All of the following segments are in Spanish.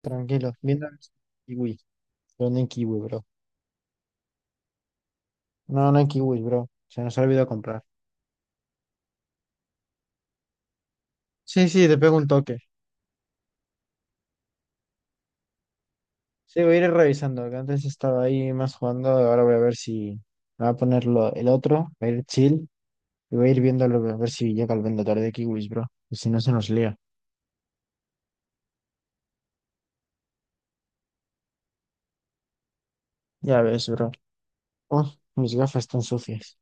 Tranquilo, Windows Kiwi, pero no en Kiwi, bro. No, no en Kiwi, bro. Se nos ha olvidado comprar. Sí, sí, te pego un toque. Sí, voy a ir revisando, que antes estaba ahí más jugando, ahora voy a ver si me voy a poner el otro, voy a ir chill, y voy a ir viéndolo, a ver si llega el vendedor de Kiwis, bro. Y si no se nos lía. Ya ves, bro. Oh, mis gafas están sucias.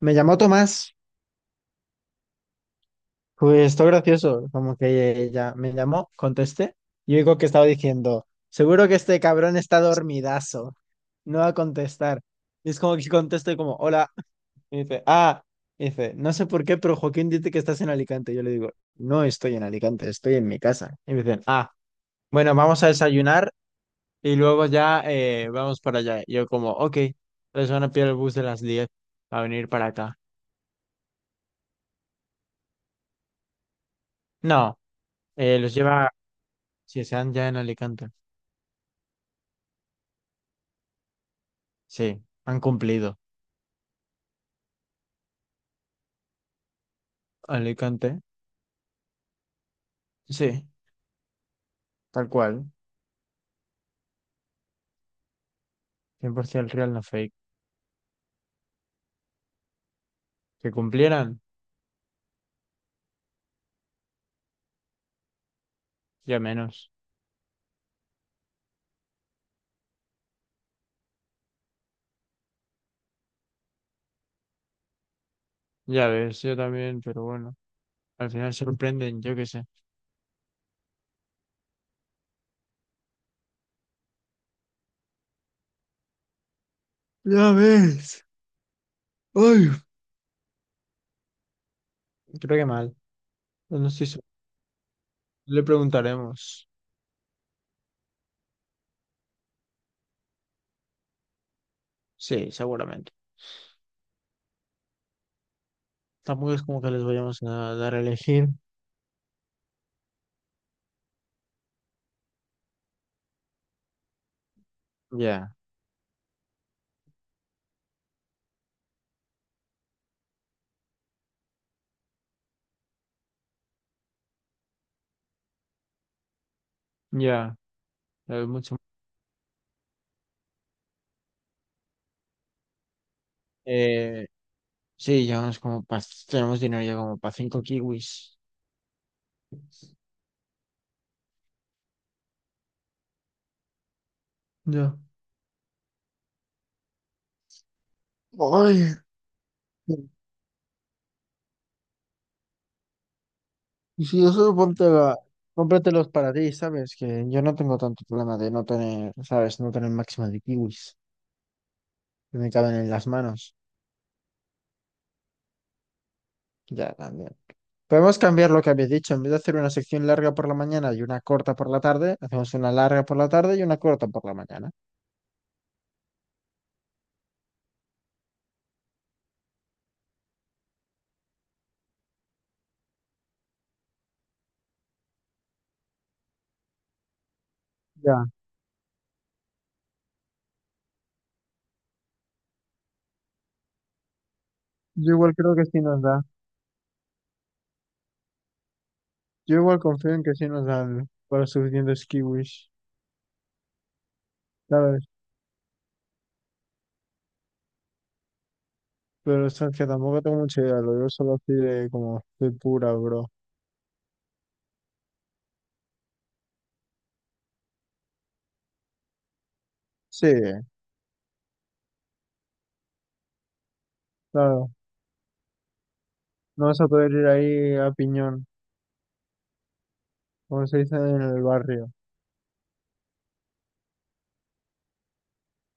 Me llamó Tomás. Pues esto gracioso, como que ella me llamó, contesté, y oigo que estaba diciendo, seguro que este cabrón está dormidazo, no va a contestar. Y es como que contesto y como, hola, y dice, ah, y dice, no sé por qué, pero Joaquín dice que estás en Alicante. Yo le digo, no estoy en Alicante, estoy en mi casa. Y me dicen, ah, bueno, vamos a desayunar y luego ya vamos para allá. Y yo como, ok, les van a pillar el bus de las 10 a venir para acá. No, los lleva, si se dan ya en Alicante. Sí, han cumplido. Alicante, sí, tal cual. 100% el real, no fake. Que cumplieran, ya menos. Ya ves, yo también, pero bueno. Al final sorprenden, yo qué sé. Ya ves. Ay, creo que mal. No, estoy seguro. Le preguntaremos. Sí, seguramente. Tampoco es como que les vayamos a dar a elegir. Ya, ya. Ya ves mucho. Eh, sí, llevamos como tenemos dinero ya como para 5 kiwis. Ya. Ay. Y si eso cómpratelos para ti, ¿sabes? Que yo no tengo tanto problema de no tener, ¿sabes? No tener máxima de kiwis. Que me caben en las manos. Ya, también. Podemos cambiar lo que habéis dicho. En vez de hacer una sección larga por la mañana y una corta por la tarde, hacemos una larga por la tarde y una corta por la mañana. Ya, yo igual creo que sí nos da. Yo igual confío en que sí nos dan para los suficientes kiwis, ¿sabes? Pero es que tampoco tengo mucha idea, lo digo solo así de como de pura, bro. Sí, claro. No vas a poder ir ahí a piñón, como se dice en el barrio.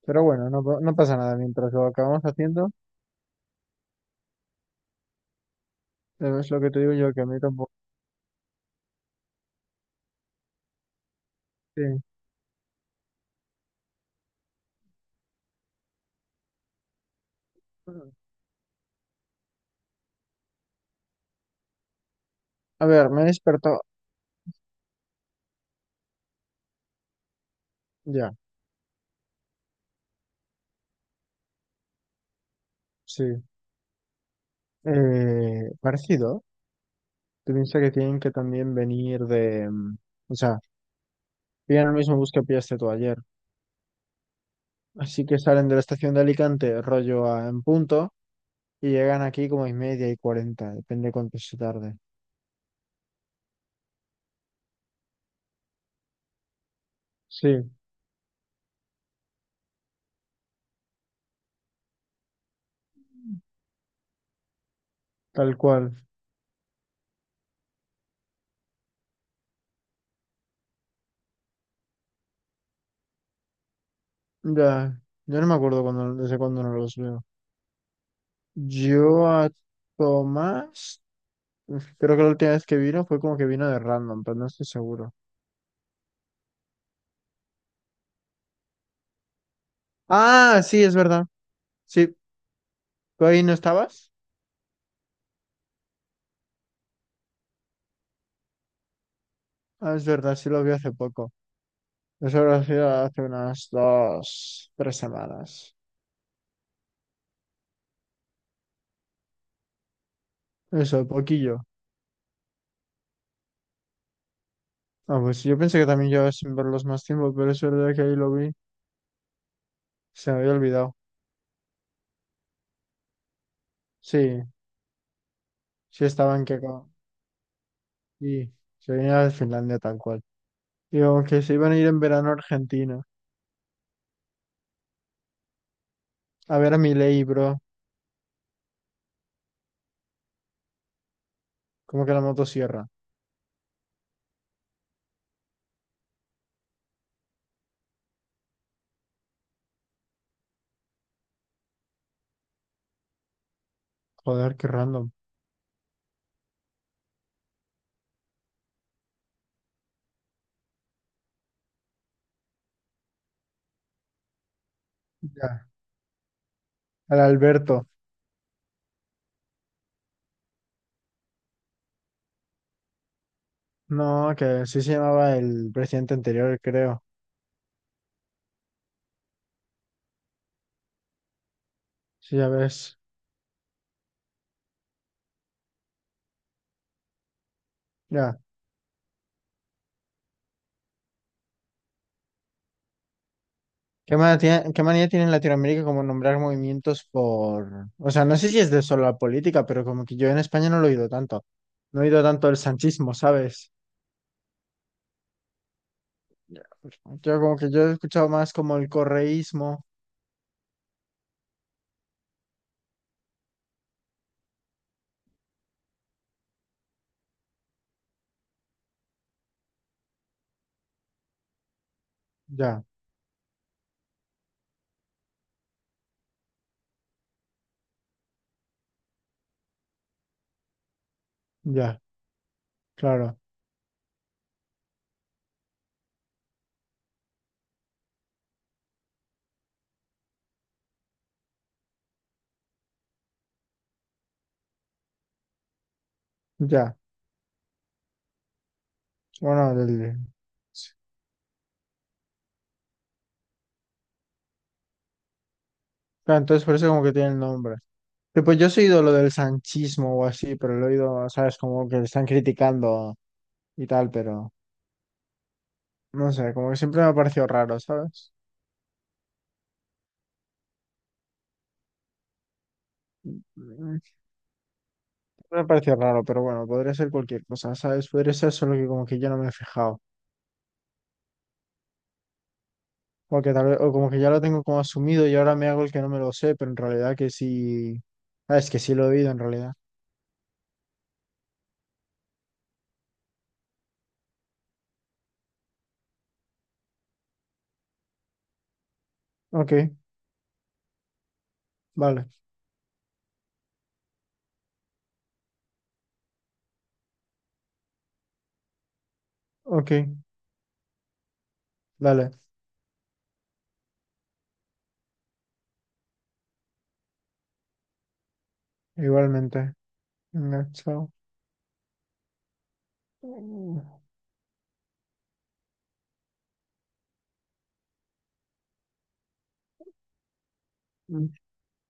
Pero bueno, no, no pasa nada mientras lo acabamos haciendo. Es lo que te digo yo, que a mí tampoco. Sí. A ver, me he despertado. Ya, sí. Parecido. Tú piensas que tienen que también venir de. O sea, pillan el mismo bus que pillaste tú ayer. Así que salen de la estación de Alicante, rollo en punto, y llegan aquí como y media y cuarenta, depende cuánto se tarde. Sí, tal cual. Ya, yo no me acuerdo cuando, desde cuándo no los leo. Yo a Tomás, uf, creo que la última vez que vino fue como que vino de random, pero no estoy seguro. Ah, sí, es verdad. Sí, ¿tú ahí no estabas? Ah, es verdad, sí lo vi hace poco. Eso lo hacía hace unas 2, 3 semanas. Eso, poquillo. Ah, pues yo pensé que también llevaba sin verlos más tiempo, pero es verdad que ahí lo vi. Se me había olvidado. Sí, sí estaban que... y se venía de Finlandia tal cual. Digo, que se iban a ir en verano a Argentina. A ver a Milei, bro. Como que la motosierra. Joder, qué random. Ya. Al Alberto. No, que sí se llamaba el presidente anterior, creo. Sí, ya ves. Ya. Qué manía tiene en Latinoamérica como nombrar movimientos por... O sea, no sé si es de solo la política, pero como que yo en España no lo he oído tanto. No he oído tanto el sanchismo, ¿sabes? Ya. Pues, yo como que yo he escuchado más como el correísmo. Ya, ya, claro. Ya. Bueno, del... Claro, entonces por eso como que tiene el nombre. Sí, pues yo sí he oído lo del sanchismo o así, pero lo he oído, ¿sabes? Como que le están criticando y tal, pero no sé, como que siempre me ha parecido raro, ¿sabes? Mm. Me ha parecido raro, pero bueno, podría ser cualquier cosa, ¿sabes? Podría ser solo que como que yo no me he fijado. O que tal vez, o como que ya lo tengo como asumido y ahora me hago el que no me lo sé, pero en realidad que sí. Ah, es que sí lo he oído en realidad. Ok, vale, ok, dale, igualmente. Venga, chao. Mm.